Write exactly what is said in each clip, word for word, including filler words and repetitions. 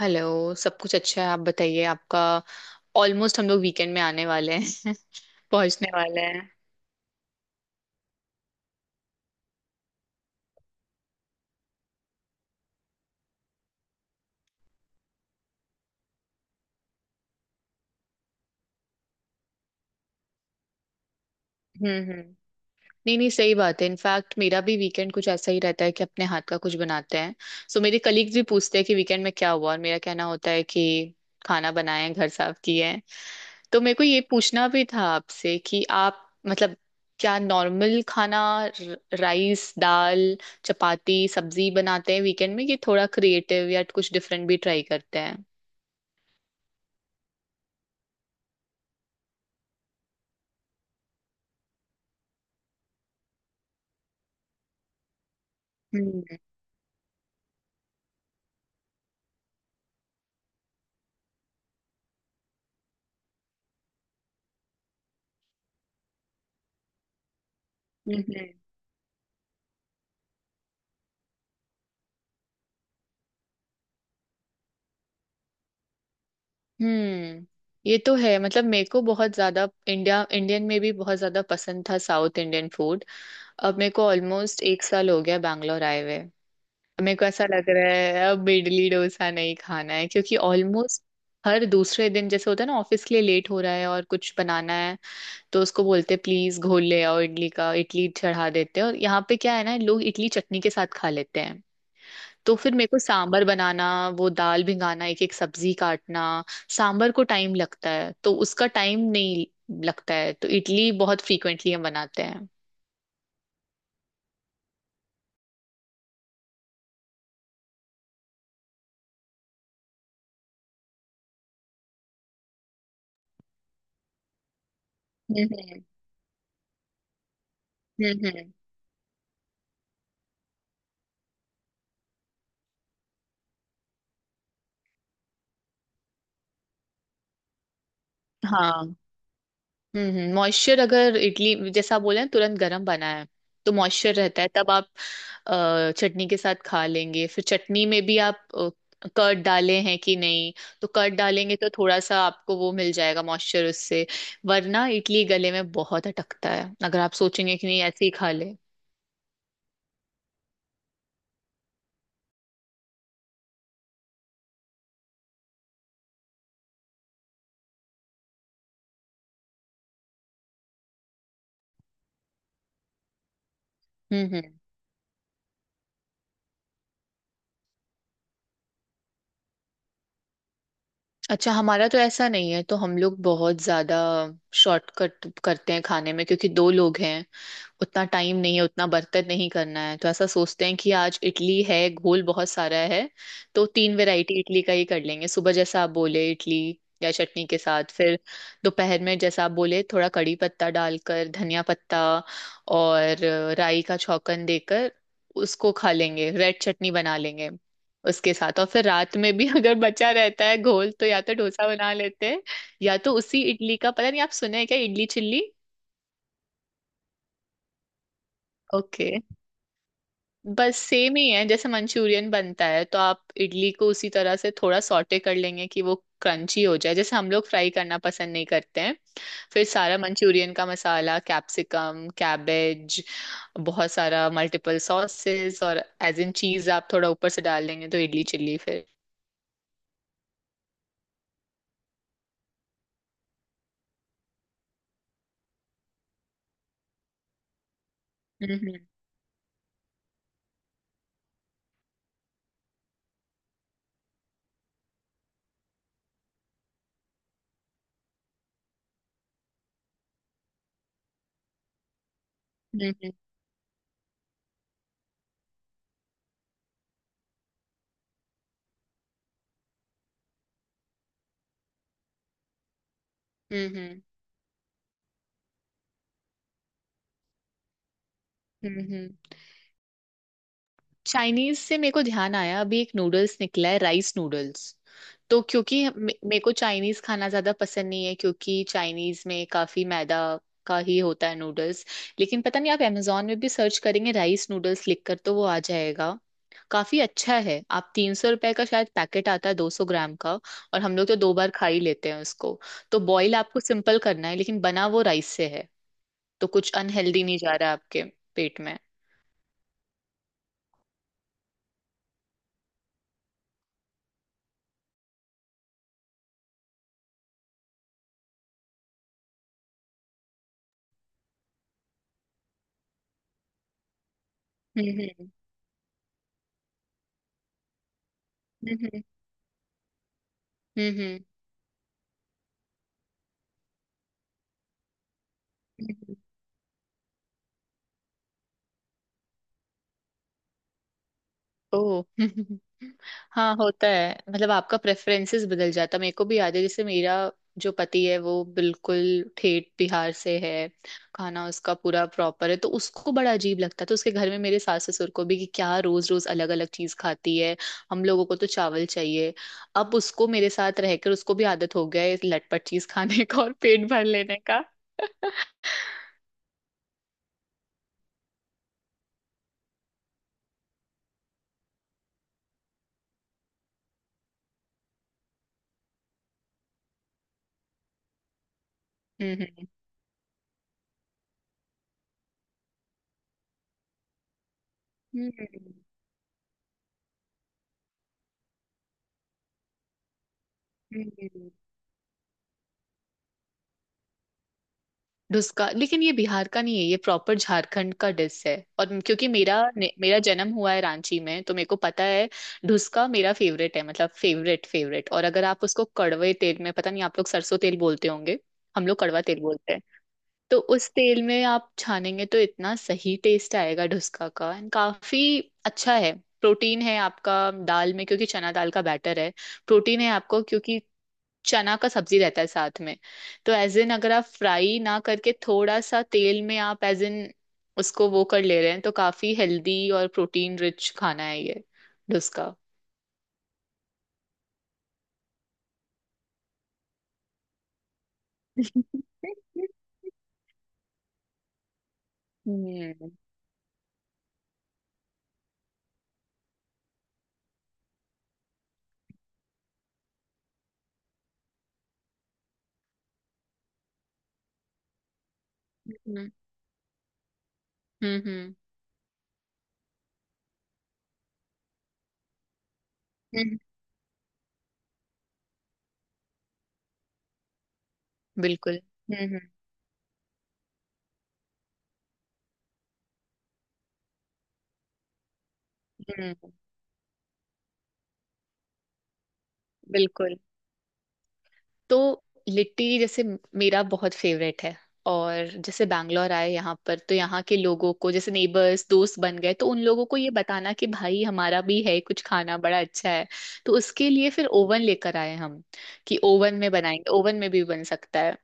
Hello. सब कुछ अच्छा है। आप बताइए आपका। ऑलमोस्ट हम लोग वीकेंड में आने वाले हैं। पहुंचने वाले हैं। हम्म। हम्म। नहीं नहीं, सही बात है। इनफैक्ट मेरा भी वीकेंड कुछ ऐसा ही रहता है कि अपने हाथ का कुछ बनाते हैं। सो मेरे कलीग्स भी पूछते हैं कि वीकेंड में क्या हुआ, और मेरा कहना होता है कि खाना बनाए हैं, घर साफ किए हैं। तो मेरे को ये पूछना भी था आपसे कि आप, मतलब, क्या नॉर्मल खाना, राइस दाल चपाती सब्जी बनाते हैं वीकेंड में, कि थोड़ा क्रिएटिव या कुछ डिफरेंट भी ट्राई करते हैं? हम्म। हम्म। ये तो है। मतलब मेरे को बहुत ज्यादा इंडिया इंडियन में भी बहुत ज्यादा पसंद था साउथ इंडियन फूड। अब मेरे को ऑलमोस्ट एक साल हो गया बैंगलोर आए हुए। मेरे को ऐसा लग रहा है अब इडली डोसा नहीं खाना है, क्योंकि ऑलमोस्ट हर दूसरे दिन जैसे होता है ना, ऑफिस के लिए लेट हो रहा है और कुछ बनाना है, तो उसको बोलते हैं प्लीज घोल ले आओ इडली का, इडली चढ़ा देते हैं। और यहाँ पे क्या है ना, लोग इडली चटनी के साथ खा लेते हैं। तो फिर मेरे को सांबर बनाना, वो दाल भिंगाना, एक एक सब्जी काटना, सांबर को टाइम लगता है, तो उसका टाइम नहीं लगता है, तो इडली बहुत फ्रीक्वेंटली हम बनाते हैं। हम्म। हम्म। हम्म। हम्म। हाँ। हम्म। मॉइस्चर, अगर इडली जैसा आप बोले हैं, तुरंत गर्म बना है, तो मॉइस्चर रहता है। तब आप अ, चटनी के साथ खा लेंगे। फिर चटनी में भी आप कर्ड डाले हैं कि नहीं, तो कर्ड डालेंगे तो थोड़ा सा आपको वो मिल जाएगा मॉइस्चर उससे। वरना इडली गले में बहुत अटकता है, अगर आप सोचेंगे कि नहीं ऐसे ही खा ले। हम्म। हम्म। अच्छा, हमारा तो ऐसा नहीं है। तो हम लोग बहुत ज्यादा शॉर्टकट करते हैं खाने में, क्योंकि दो लोग हैं, उतना टाइम नहीं है, उतना बर्तन नहीं करना है। तो ऐसा सोचते हैं कि आज इडली है, घोल बहुत सारा है, तो तीन वैरायटी इडली का ही कर लेंगे। सुबह जैसा आप बोले, इडली या चटनी के साथ। फिर दोपहर में जैसा आप बोले, थोड़ा कड़ी पत्ता डालकर, धनिया पत्ता और राई का छौंकन देकर उसको खा लेंगे, रेड चटनी बना लेंगे उसके साथ। और फिर रात में भी अगर बचा रहता है घोल तो या तो डोसा बना लेते हैं, या तो उसी इडली का। पता नहीं आप सुने हैं क्या, इडली चिल्ली? ओके। बस सेम ही है जैसे मंचूरियन बनता है, तो आप इडली को उसी तरह से थोड़ा सॉटे कर लेंगे कि वो क्रंची हो जाए, जैसे हम लोग फ्राई करना पसंद नहीं करते हैं। फिर सारा मंचूरियन का मसाला, कैप्सिकम, कैबेज, बहुत सारा मल्टीपल सॉसेस और एज इन चीज आप थोड़ा ऊपर से डाल लेंगे, तो इडली चिल्ली फिर। हम्म। हम्म। हम्म। हम्म। हम्म। हम्म। चाइनीज से मेरे को ध्यान आया, अभी एक नूडल्स निकला है, राइस नूडल्स। तो क्योंकि मे- मेरे को चाइनीज खाना ज्यादा पसंद नहीं है, क्योंकि चाइनीज में काफी मैदा का ही होता है नूडल्स। लेकिन पता नहीं, आप amazon में भी सर्च करेंगे राइस नूडल्स लिखकर तो वो आ जाएगा। काफी अच्छा है। आप तीन सौ रुपए का शायद पैकेट आता है, दो सौ ग्राम का। और हम लोग तो दो बार खा ही लेते हैं उसको। तो बॉईल आपको सिंपल करना है, लेकिन बना वो राइस से है, तो कुछ अनहेल्दी नहीं जा रहा है आपके पेट में। हम्म। हम्म। हम्म। हम्म। हम्म। ओ। हाँ, होता है। मतलब आपका प्रेफरेंसेस बदल जाता है। मेरे को भी याद है, जैसे मेरा जो पति है वो बिल्कुल ठेठ बिहार से है, खाना उसका पूरा प्रॉपर है। तो उसको बड़ा अजीब लगता है, तो उसके घर में मेरे सास ससुर को भी कि क्या रोज रोज अलग अलग चीज खाती है, हम लोगों को तो चावल चाहिए। अब उसको मेरे साथ रहकर उसको भी आदत हो गया है इस लटपट चीज खाने का और पेट भर लेने का। हम्म। हम्म। हम्म। हम्म। डुस्का, लेकिन ये बिहार का नहीं है, ये प्रॉपर झारखंड का डिश है। और क्योंकि मेरा ने- मेरा जन्म हुआ है रांची में, तो मेरे को पता है। डुस्का मेरा फेवरेट है, मतलब फेवरेट फेवरेट। और अगर आप उसको कड़वे तेल में, पता नहीं आप लोग सरसों तेल बोलते होंगे, हम लोग कड़वा तेल बोलते हैं, तो उस तेल में आप छानेंगे तो इतना सही टेस्ट आएगा डुस्का का। एंड काफी अच्छा है, प्रोटीन है आपका दाल में, क्योंकि चना दाल का बैटर है। प्रोटीन है आपको, क्योंकि चना का सब्जी रहता है साथ में। तो एज इन, अगर आप फ्राई ना करके थोड़ा सा तेल में आप एज इन उसको वो कर ले रहे हैं, तो काफी हेल्दी और प्रोटीन रिच खाना है ये, डोसा। हम्म। हम्म। हम्म। हम्म। बिल्कुल। हम्म। हम्म। हम्म। बिल्कुल। तो लिट्टी जैसे मेरा बहुत फेवरेट है। और जैसे बैंगलोर आए यहाँ पर, तो यहाँ के लोगों को, जैसे नेबर्स दोस्त बन गए, तो उन लोगों को ये बताना कि भाई हमारा भी है कुछ खाना, बड़ा अच्छा है। तो उसके लिए फिर ओवन लेकर आए हम, कि ओवन में बनाएंगे, ओवन में भी बन सकता है।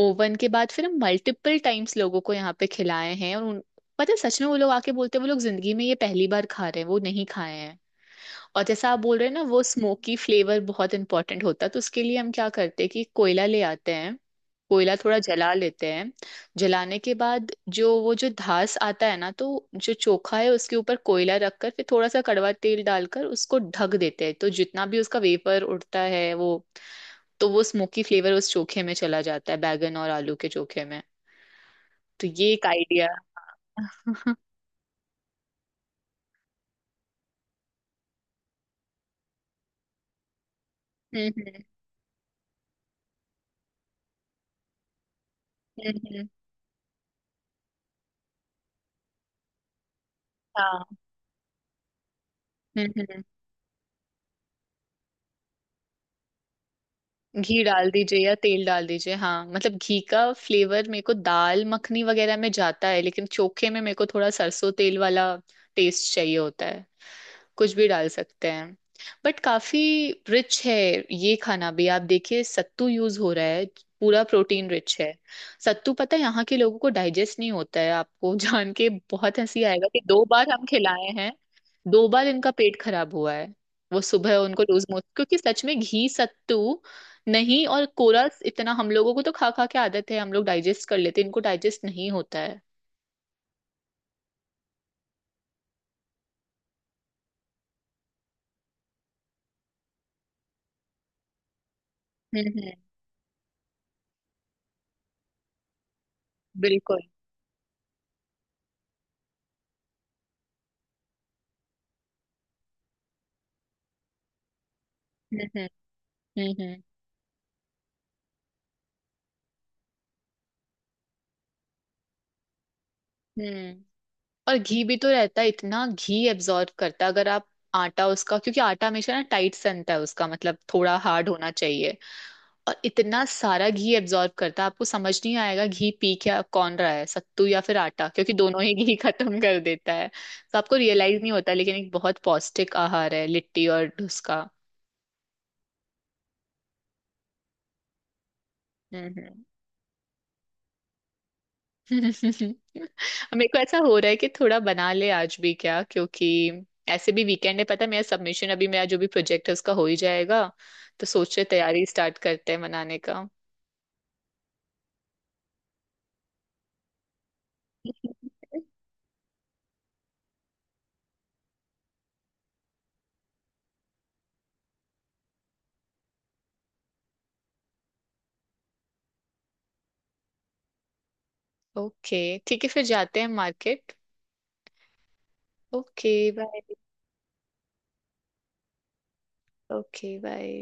ओवन के बाद फिर हम मल्टीपल टाइम्स लोगों को यहाँ पे खिलाए हैं, और उन, पता है, सच में वो लोग आके बोलते हैं वो लोग जिंदगी में ये पहली बार खा रहे हैं, वो नहीं खाए हैं। और जैसा आप बोल रहे हैं ना, वो स्मोकी फ्लेवर बहुत इंपॉर्टेंट होता है, तो उसके लिए हम क्या करते हैं कि कोयला ले आते हैं, कोयला थोड़ा जला लेते हैं। जलाने के बाद जो वो जो धास आता है ना, तो जो चोखा है उसके ऊपर कोयला रखकर फिर थोड़ा सा कड़वा तेल डालकर उसको ढक देते हैं, तो जितना भी उसका वेपर उड़ता है वो, तो वो स्मोकी फ्लेवर उस चोखे में चला जाता है, बैगन और आलू के चोखे में। तो ये एक आइडिया। हम्म। हम्म। हम्म। हम्म। हाँ। हम्म। हम्म। घी डाल दीजिए या तेल डाल दीजिए, हाँ। मतलब घी का फ्लेवर मेरे को दाल मखनी वगैरह में जाता है, लेकिन चोखे में मेरे को थोड़ा सरसों तेल वाला टेस्ट चाहिए होता है। कुछ भी डाल सकते हैं। बट काफी रिच है ये खाना भी। आप देखिए सत्तू यूज हो रहा है, पूरा प्रोटीन रिच है। सत्तू, पता है, यहाँ के लोगों को डाइजेस्ट नहीं होता है आपको। जान के बहुत हंसी आएगा कि दो बार हम खिलाए हैं, दो बार इनका पेट खराब हुआ है। वो सुबह उनको लूज मोशन, क्योंकि सच में घी सत्तू नहीं, और कोरा इतना हम लोगों को तो खा खा के आदत है, हम लोग डाइजेस्ट कर लेते हैं, इनको डाइजेस्ट नहीं होता है। हम्म। हम्म। बिल्कुल। हम्म। हम्म। हम्म। हम्म। हम्म। और घी भी तो रहता है, इतना घी एब्जॉर्ब करता है अगर आप आटा उसका, क्योंकि आटा हमेशा ना टाइट सनता है उसका, मतलब थोड़ा हार्ड होना चाहिए, और इतना सारा घी एब्जॉर्ब करता है। आपको समझ नहीं आएगा घी पी क्या कौन रहा है, सत्तू या फिर आटा, क्योंकि दोनों ही घी खत्म कर देता है। तो आपको रियलाइज नहीं होता, लेकिन एक बहुत पौष्टिक आहार है लिट्टी और उसका। हम्म। हम्म। मेरे को ऐसा हो रहा है कि थोड़ा बना ले आज भी क्या, क्योंकि ऐसे भी वीकेंड है। पता है मेरा सबमिशन, अभी मेरा जो भी प्रोजेक्ट है उसका हो ही जाएगा, तो सोच रहे तैयारी स्टार्ट करते हैं मनाने का। ओके ठीक है, फिर जाते हैं market. Okay. Bye. Okay. Bye.